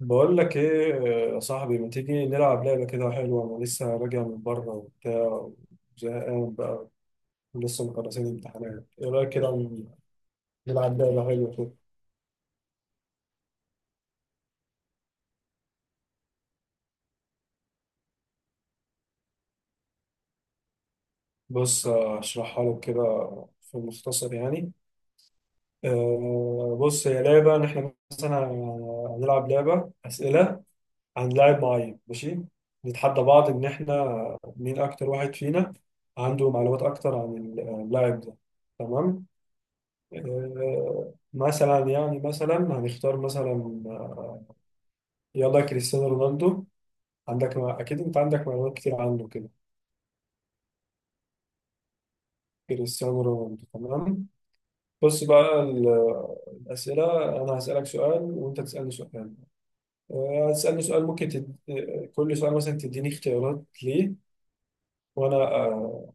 بقول لك ايه؟ يا صاحبي ما تيجي نلعب لعبة كده حلوة، انا لسه راجع من بره وبتاع، زهقان بقى ولسه مخلصين امتحانات. ايه رأيك كده نلعب لعبة حلوة كده؟ بص اشرحها لك كده في المختصر يعني. بص، هي لعبة ان احنا مثلا هنلعب لعبة أسئلة عن لاعب معين، ماشي؟ نتحدى بعض ان احنا مين اكتر واحد فينا عنده معلومات اكتر عن اللاعب ده، تمام؟ مثلا يعني مثلا هنختار مثلا آه، يلا كريستيانو رونالدو. عندك ما اكيد انت عندك معلومات كتير عنه كده. كريستيانو رونالدو، تمام. بص بقى الأسئلة أنا هسألك سؤال وأنت تسألني سؤال. هتسألني سؤال ممكن تد... آه، كل سؤال مثلا تديني اختيارات ليه، وأنا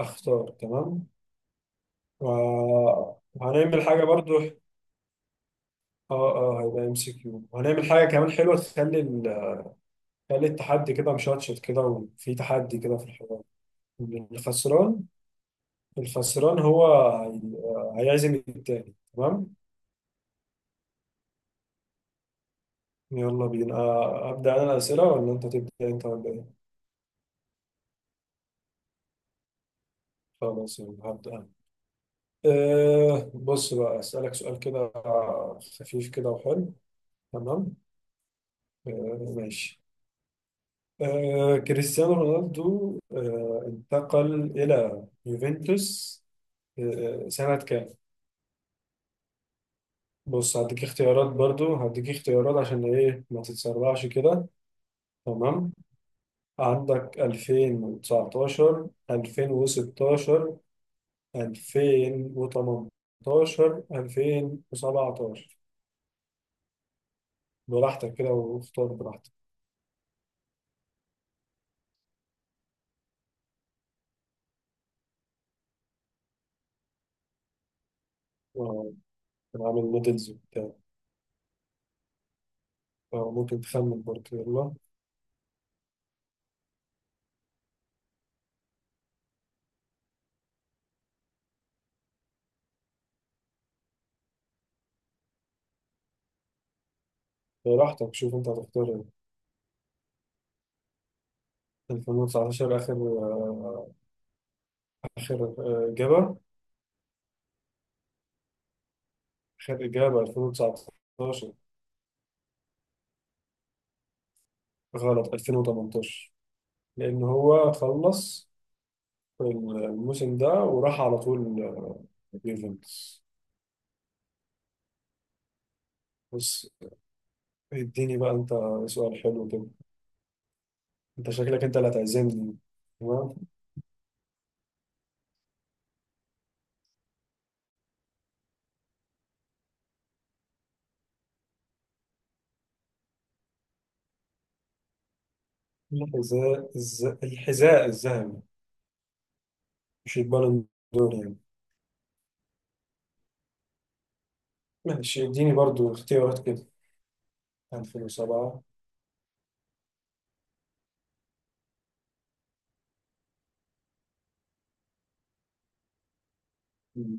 أختار، تمام. وهنعمل حاجة برضو. اه اه، هيبقى ام سي كيو، وهنعمل حاجة كمان حلوة تخلي، خلي التحدي كده مشطشط كده، وفي تحدي كده في الحوار. الخسران، الخسران هو هيعزم التاني، تمام. يلا بينا. أبدأ أنا الأسئلة ولا أنت تبدأ أنت ولا إيه؟ خلاص يلا هبدأ أنا. أه بص بقى أسألك سؤال كده خفيف كده وحلو، تمام؟ أه ماشي. أه، كريستيانو رونالدو أه انتقل إلى يوفنتوس أه سنة كام؟ بص هديك اختيارات برضو، هديك اختيارات عشان ايه ما تتسرعش كده، تمام؟ عندك 2019 2016 2018 2017. براحتك كده، واختار براحتك. اه، أنا عامل مودلز وبتاع. ممكن تخمن برضو، يلا. براحتك، شوف انت هتختار ايه. 2019 اخر اخر اجابة؟ اخر اجابة 2019. غلط، 2018. لأن هو خلص الموسم ده وراح على طول يوفنتوس. بص، اديني بقى أنت سؤال حلو كده، أنت شكلك أنت اللي هتعزمني، تمام. الحذاء الذهبي؟ مش البالون دور يعني؟ ماشي، اديني برضو اختيارات كده. 2007. مم.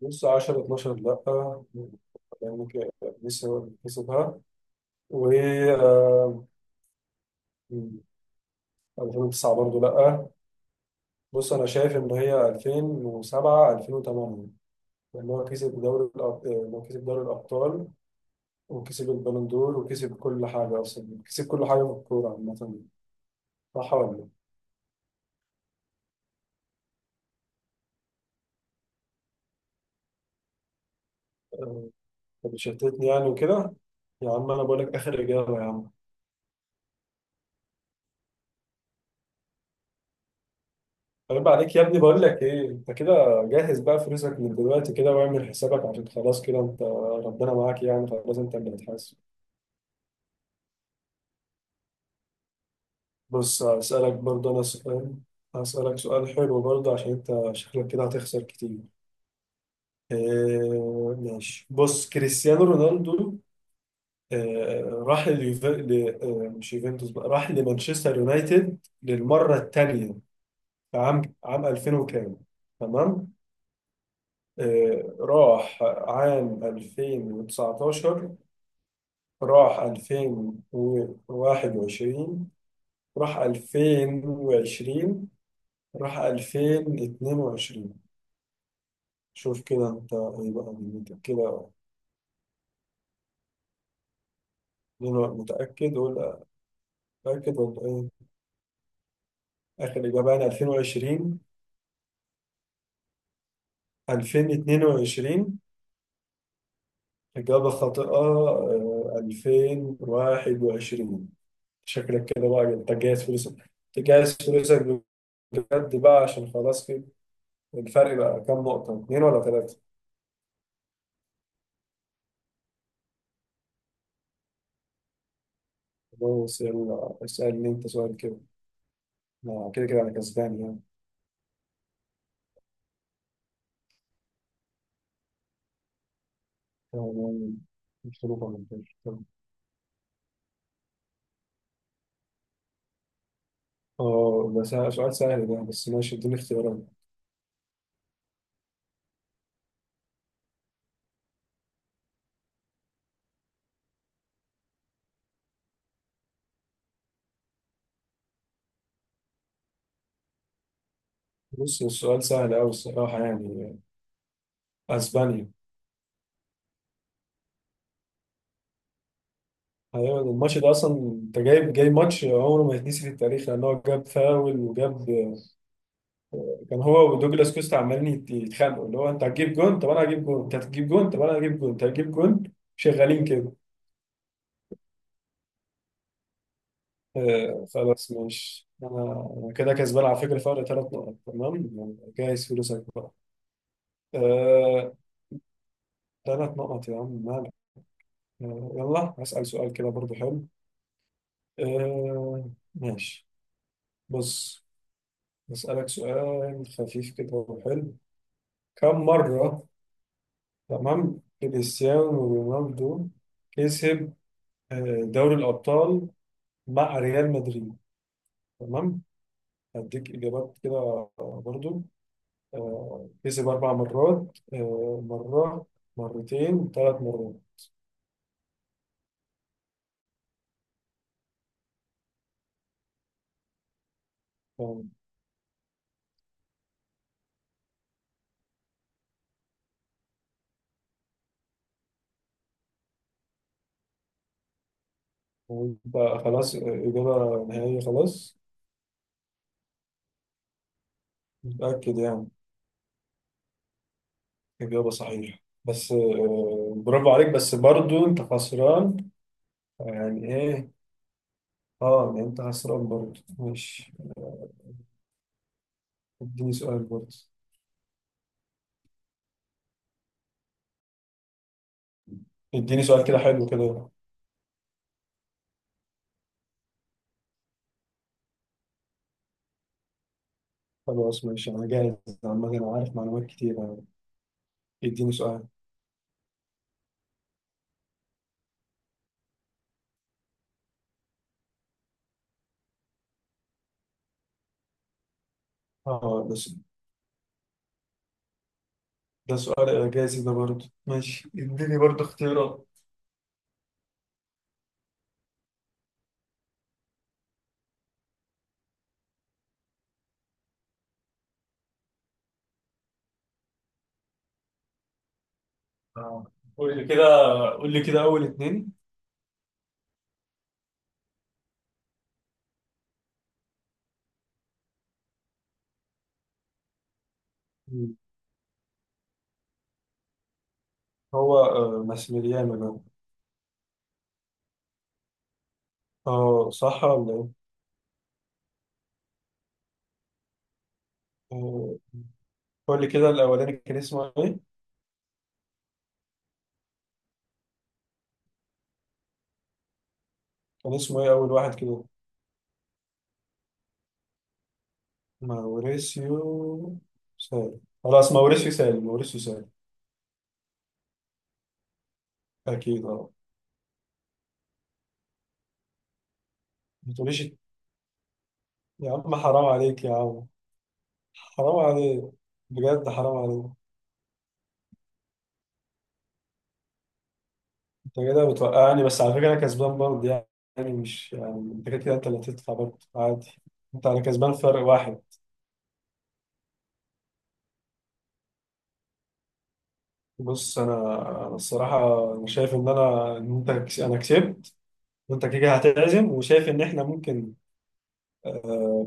بص 10 12 لأ، يعني كده لسه كسبها، و 2009 برضو لأ. بص انا شايف ان هي 2007 2008، لان هو هو كسب دوري الابطال وكسب البالون دور، وكسب كل حاجه، اصلا كسب كل حاجه في الكوره عامه. صح ولا لا؟ آه، طب شتتني يعني وكده، يا عم انا بقول لك اخر اجابه يا عم. طيب، عليك يا ابني. بقول لك ايه، انت كده جهز بقى فلوسك من دلوقتي كده، واعمل حسابك، عشان خلاص كده انت ربنا معاك يعني، خلاص انت اللي هتحاسب. بص هسألك برضه انا سؤال، هسألك سؤال حلو برضه، عشان انت شكلك كده هتخسر كتير. آه ماشي، بص كريستيانو رونالدو آه مش يوفنتوس بقى، راح لمانشستر يونايتد للمرة الثانية في عام 2000 وكام، تمام؟ آه راح عام 2019؟ راح 2021؟ راح 2020؟ راح 2022؟ شوف كده انت ايه بقى دنيتك كده. أنا متأكد ولا؟ متأكد ايه؟ آخر إجابة عن 2020. 2022. إجابة خاطئة، 2021. شكلك كده بقى، يعني أنت جاهز فلوسك، تجهز فلوسك، بجد بقى، عشان خلاص كده. الفرق بقى كام نقطة، اتنين ولا تلاتة؟ بص يلا اسألني أنت سؤال كده، كده كده أنا كسبان يعني. آه، مش حروف ولا بتاع. طب. اه، سؤال سهل ده، بس ماشي اديني اختيارات. بص السؤال سهل أوي الصراحة يعني، أسبانيا. ايوه، الماتش ده اصلا انت جايب ماتش عمره ما يتنسي في التاريخ، لان هو جاب فاول وجاب، كان هو ودوجلاس كوستا عمالين يتخانقوا، اللي هو انت هتجيب جون، طب انا هجيب جون، انت هتجيب جون، طب انا هجيب جون، انت هتجيب جون، شغالين كده. آه خلاص ماشي، انا كده كسبان على فكره، فرق ثلاث نقط، تمام، جايز فلوسك بقى. آه، ثلاث نقط يا عم مالك. آه يلا هسأل سؤال كده برضو حلو. آه ماشي، بص هسألك سؤال خفيف كده وحلو. كم مرة، تمام، كريستيانو رونالدو كسب دوري الأبطال مع ريال مدريد، تمام؟ هديك إجابات كده برضو. كسب أربع مرات، مرة، مرتين، ثلاث مرات؟ تمام. ويبقى خلاص إجابة نهائية، خلاص؟ متأكد يعني؟ إجابة صحيحة، بس برافو عليك. بس برضو أنت خسران. يعني إيه؟ أه يعني أنت خسران برضو، ماشي. اديني سؤال برضه، اديني سؤال كده حلو كده. خلاص ماشي انا جاهز، عامة انا عارف معلومات كتير يعني. اديني سؤال. اه ده س- ده سؤال اعجازي ده، برضه ماشي اديني برضه اختيارات. آه. قول لي كده، قول لي كده اول اتنين. مم. هو ماسميليانو ده، اه صح ولا ايه؟ آه، قول لي كده الاولاني كان اسمه ايه؟ كان اسمه ايه اول واحد كده؟ ماوريسيو سال، خلاص ماوريسيو سال، ماوريسيو سال. اكيد اه. ما تقوليش يا عم، حرام عليك يا عم، حرام عليك، بجد حرام عليك. انت كده بتوقعني، بس على فكره انا كسبان برضه، يعني مش يعني، انت كده كده انت اللي هتدفع برضه عادي. انت، انا كسبان فرق واحد. بص انا، انا الصراحه انا شايف ان انا انا كسبت، وانت كده هتعزم، وشايف ان احنا ممكن،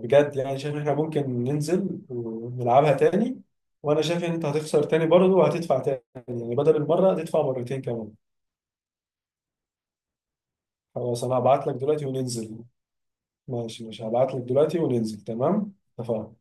بجد يعني، شايف ان احنا ممكن ننزل ونلعبها تاني، وانا شايف ان انت هتخسر تاني برضه وهتدفع تاني، يعني بدل المره هتدفع مرتين كمان. خلاص انا هبعت لك دلوقتي وننزل. ماشي ماشي، هبعت لك دلوقتي وننزل، تمام. اتفقنا.